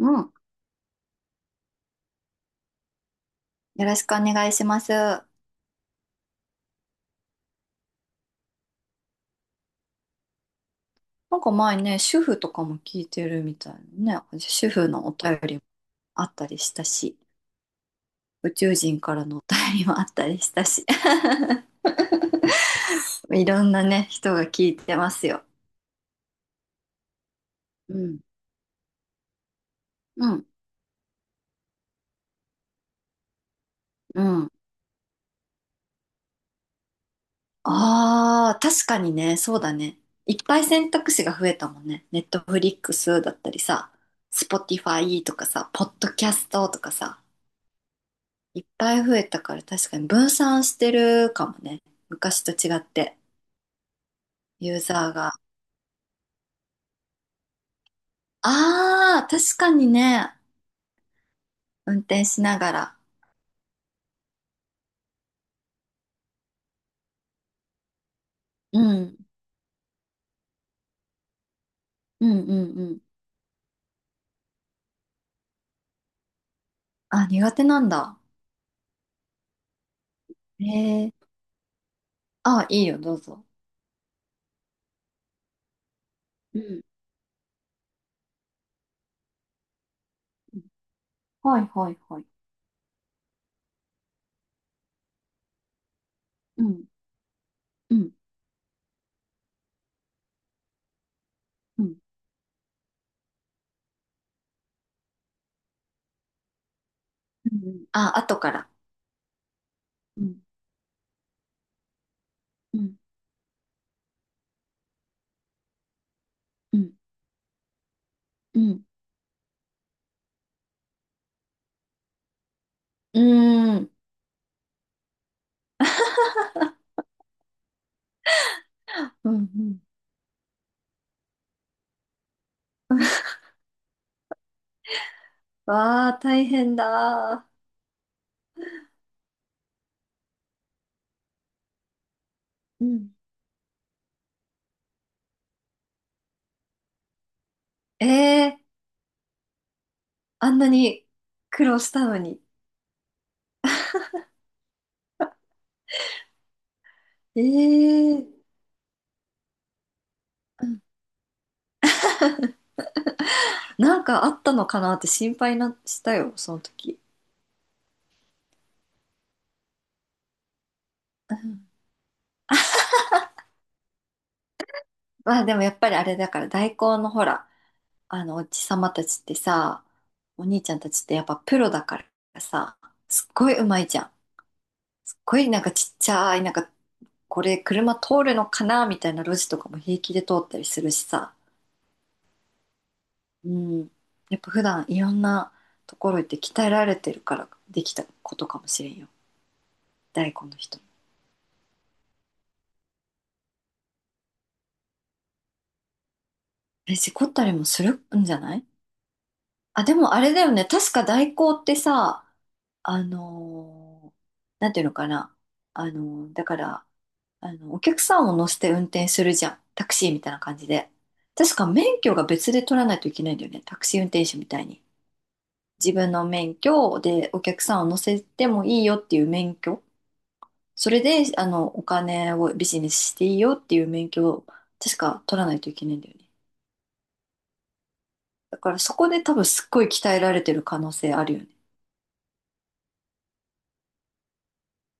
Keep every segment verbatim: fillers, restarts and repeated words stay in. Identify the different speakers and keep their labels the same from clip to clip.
Speaker 1: うん。よろしくお願いします。なんか前ね、主婦とかも聞いてるみたいなね。主婦のお便りもあったりしたし、宇宙人からのお便りもあったりしたし。いろんなね、人が聞いてますよ。うん。うん。うん。ああ、確かにね、そうだね。いっぱい選択肢が増えたもんね。ネットフリックスだったりさ、スポティファイとかさ、ポッドキャストとかさ。いっぱい増えたから確かに分散してるかもね。昔と違って、ユーザーが。ああ、確かにね。運転しながら。うん。うんうんうん。あ、苦手なんだ。へえ。あ、いいよ、どうぞ。うん。はいはいはい。うん。うん。うん。うん。あ、後から。うん。うん。うん。うん。うーん。うん。うん わあ、大変だ。うん。ええ、あんなに苦労したのに。ええ。うん。なんかあったのかなって心配な、したよ、その時。うん。まあでもやっぱりあれだから代行のほら、あのおじさまたちってさ、お兄ちゃんたちってやっぱプロだからさ、すっごいうまいじゃん。すっごいなんかちっちゃい、なんかこれ車通るのかなみたいな路地とかも平気で通ったりするしさ。うん。やっぱ普段いろんなところ行って鍛えられてるからできたことかもしれんよ。大根の人も。え、事故ったりもするんじゃない？あ、でもあれだよね。確か代行ってさ、あのーなんていうのかな。あのーだから、あの、お客さんを乗せて運転するじゃん。タクシーみたいな感じで。確か免許が別で取らないといけないんだよね。タクシー運転手みたいに。自分の免許でお客さんを乗せてもいいよっていう免許。それで、あの、お金をビジネスしていいよっていう免許を確か取らないといけないんだよね。だからそこで多分すっごい鍛えられてる可能性あるよね。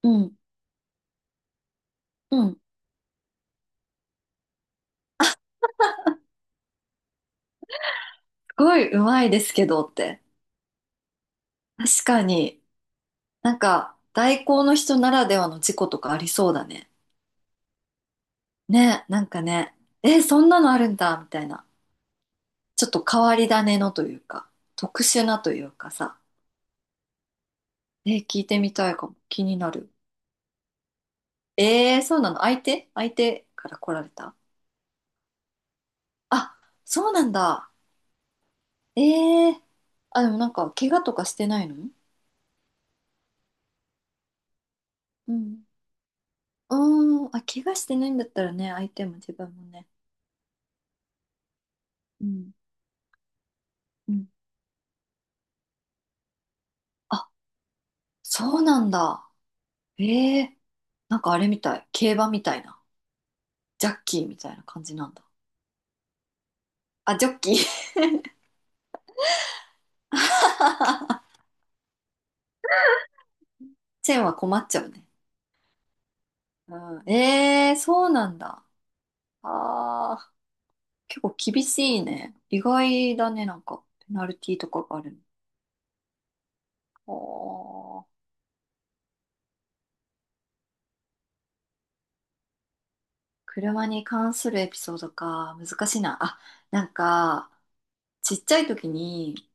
Speaker 1: うん。うんごいうまいですけどって。確かに、なんか、代行の人ならではの事故とかありそうだね。ね、なんかね、え、そんなのあるんだ、みたいな。ちょっと変わり種のというか、特殊なというかさ。え、聞いてみたいかも。気になる。えー、そうなの？相手相手から来られた？あ、そうなんだ。えー、あ、でもなんか、怪我とかしてないの？うん。うーん、あ、怪我してないんだったらね、相手も自分もね。うん。うん。あ、そうなんだ。ええ、なんかあれみたい。競馬みたいな。ジャッキーみたいな感じなんだ。あ、ジョッキー。チェーンは困っちゃうね。うん。ええ、そうなんだ。ああ、結構厳しいね。意外だね、なんか。ペナルティーとかがあるの。おー、車に関するエピソードか。難しいな。あ、なんか、ちっちゃい時に、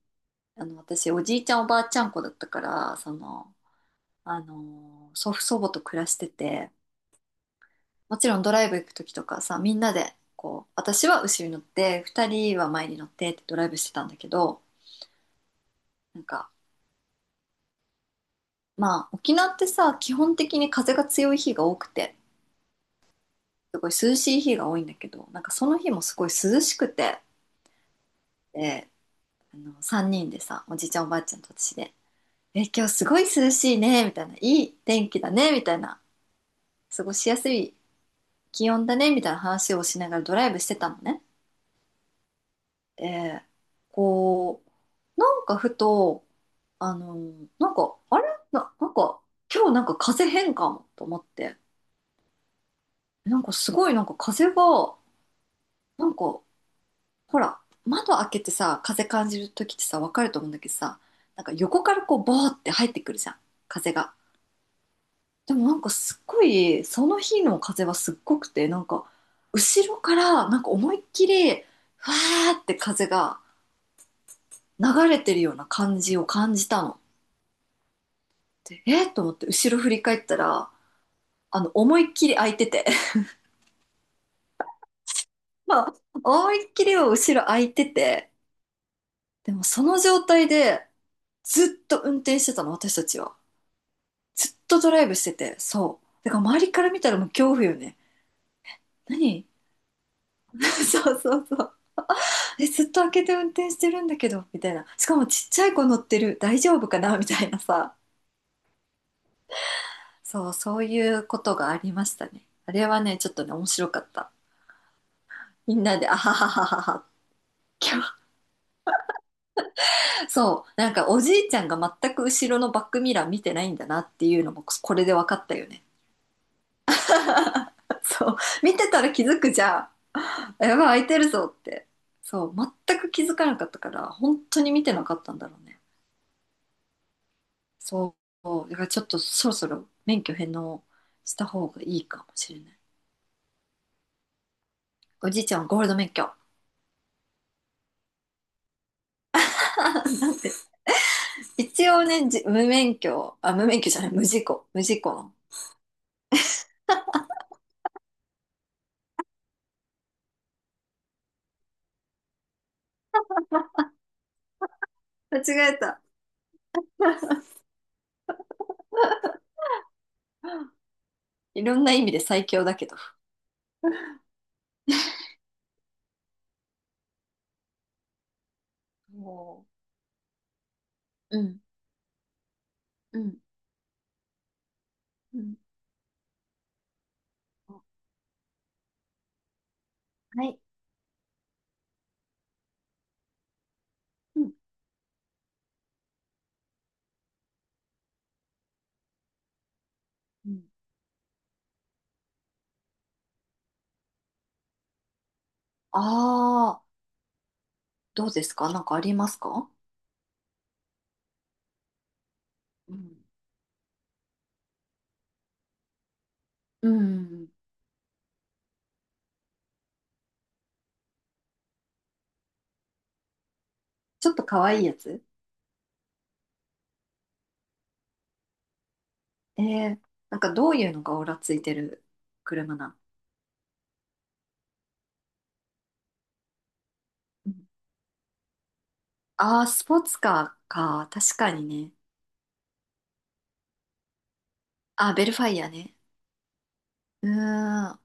Speaker 1: あの、私、おじいちゃんおばあちゃん子だったから、その、あの、祖父祖母と暮らしてて、もちろんドライブ行く時とかさ、みんなで、こう、私は後ろに乗って、二人は前に乗ってってドライブしてたんだけど、なんか、まあ、沖縄ってさ、基本的に風が強い日が多くて、すごい涼しい日が多いんだけど、なんかその日もすごい涼しくて、で、あの、三人でさ、おじいちゃんおばあちゃんと私で、え、今日すごい涼しいね、みたいな、いい天気だね、みたいな、過ごしやすい気温だね、みたいな話をしながらドライブしてたのね。で、こう、なんかふと、あのーなんか、あれな、なんか、今日なんか風邪変かもと思って、なんかすごいなんか風が、なんか、ほら、窓開けてさ、風感じるときってさ、わかると思うんだけどさ、なんか横からこう、ボーって入ってくるじゃん、風が。でもなんかすっごい、その日の風はすっごくて、なんか、後ろからなんか思いっきり、わーって風が流れてるような感じを感じたの。で、えーと思って後ろ振り返ったら、あの、思いっきり開いてて。まあ、思いっきりは後ろ空いてて、でもその状態でずっと運転してたの、私たちは。ずっとドライブしてて、そう。だから周りから見たらもう恐怖よね。何 そうそうそう。え、ずっと開けて運転してるんだけど、みたいな。しかもちっちゃい子乗ってる、大丈夫かなみたいなさ。そう、そういうことがありましたね。あれはね、ちょっとね、面白かった。みんなで、あははははは、今そう、なんかおじいちゃんが全く後ろのバックミラー見てないんだなっていうのもこれで分かったよね。そう、見てたら気づくじゃん。やばい、空いてるぞって。そう、全く気づかなかったから、本当に見てなかったんだろうね。そう、だからちょっとそろそろ免許返納した方がいいかもしれない。おじいちゃんはゴールド免許。なんて、一応ね、じ無免許、あ、無免許じゃない、無事故、無事故の。間違えた。いろんな意味で最強だけど。もうん、うん、うん。う、あ、はい。うん、うん。ああ、どうですか？なんかありますか？うん。うん。ちょっと可愛いやつ？えー、なんかどういうのがオラついてる車なん？うん。ああー、スポーツカーか。確かにね。あ、ベルファイアね。うーん。あ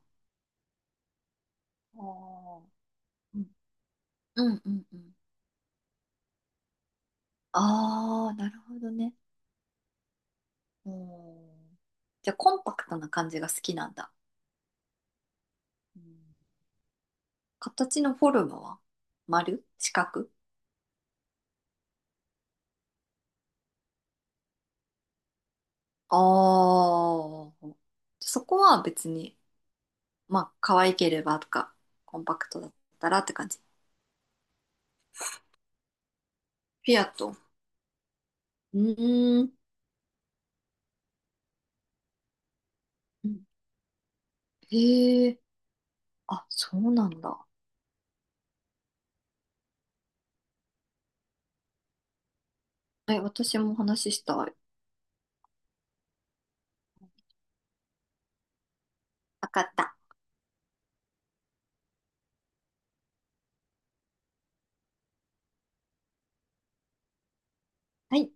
Speaker 1: ー。うん、うん、うん。うん。ああ、なるほどね。うん。じゃあ、コンパクトな感じが好きなんだ。うん。形のフォルムは丸四角？ああー。そこは別に、まあ、可愛ければとか、コンパクトだったらって感じ。フィアット。うーん。うん。へえ。あ、そうなんだ。はい、私もお話ししたい。わかった。はい。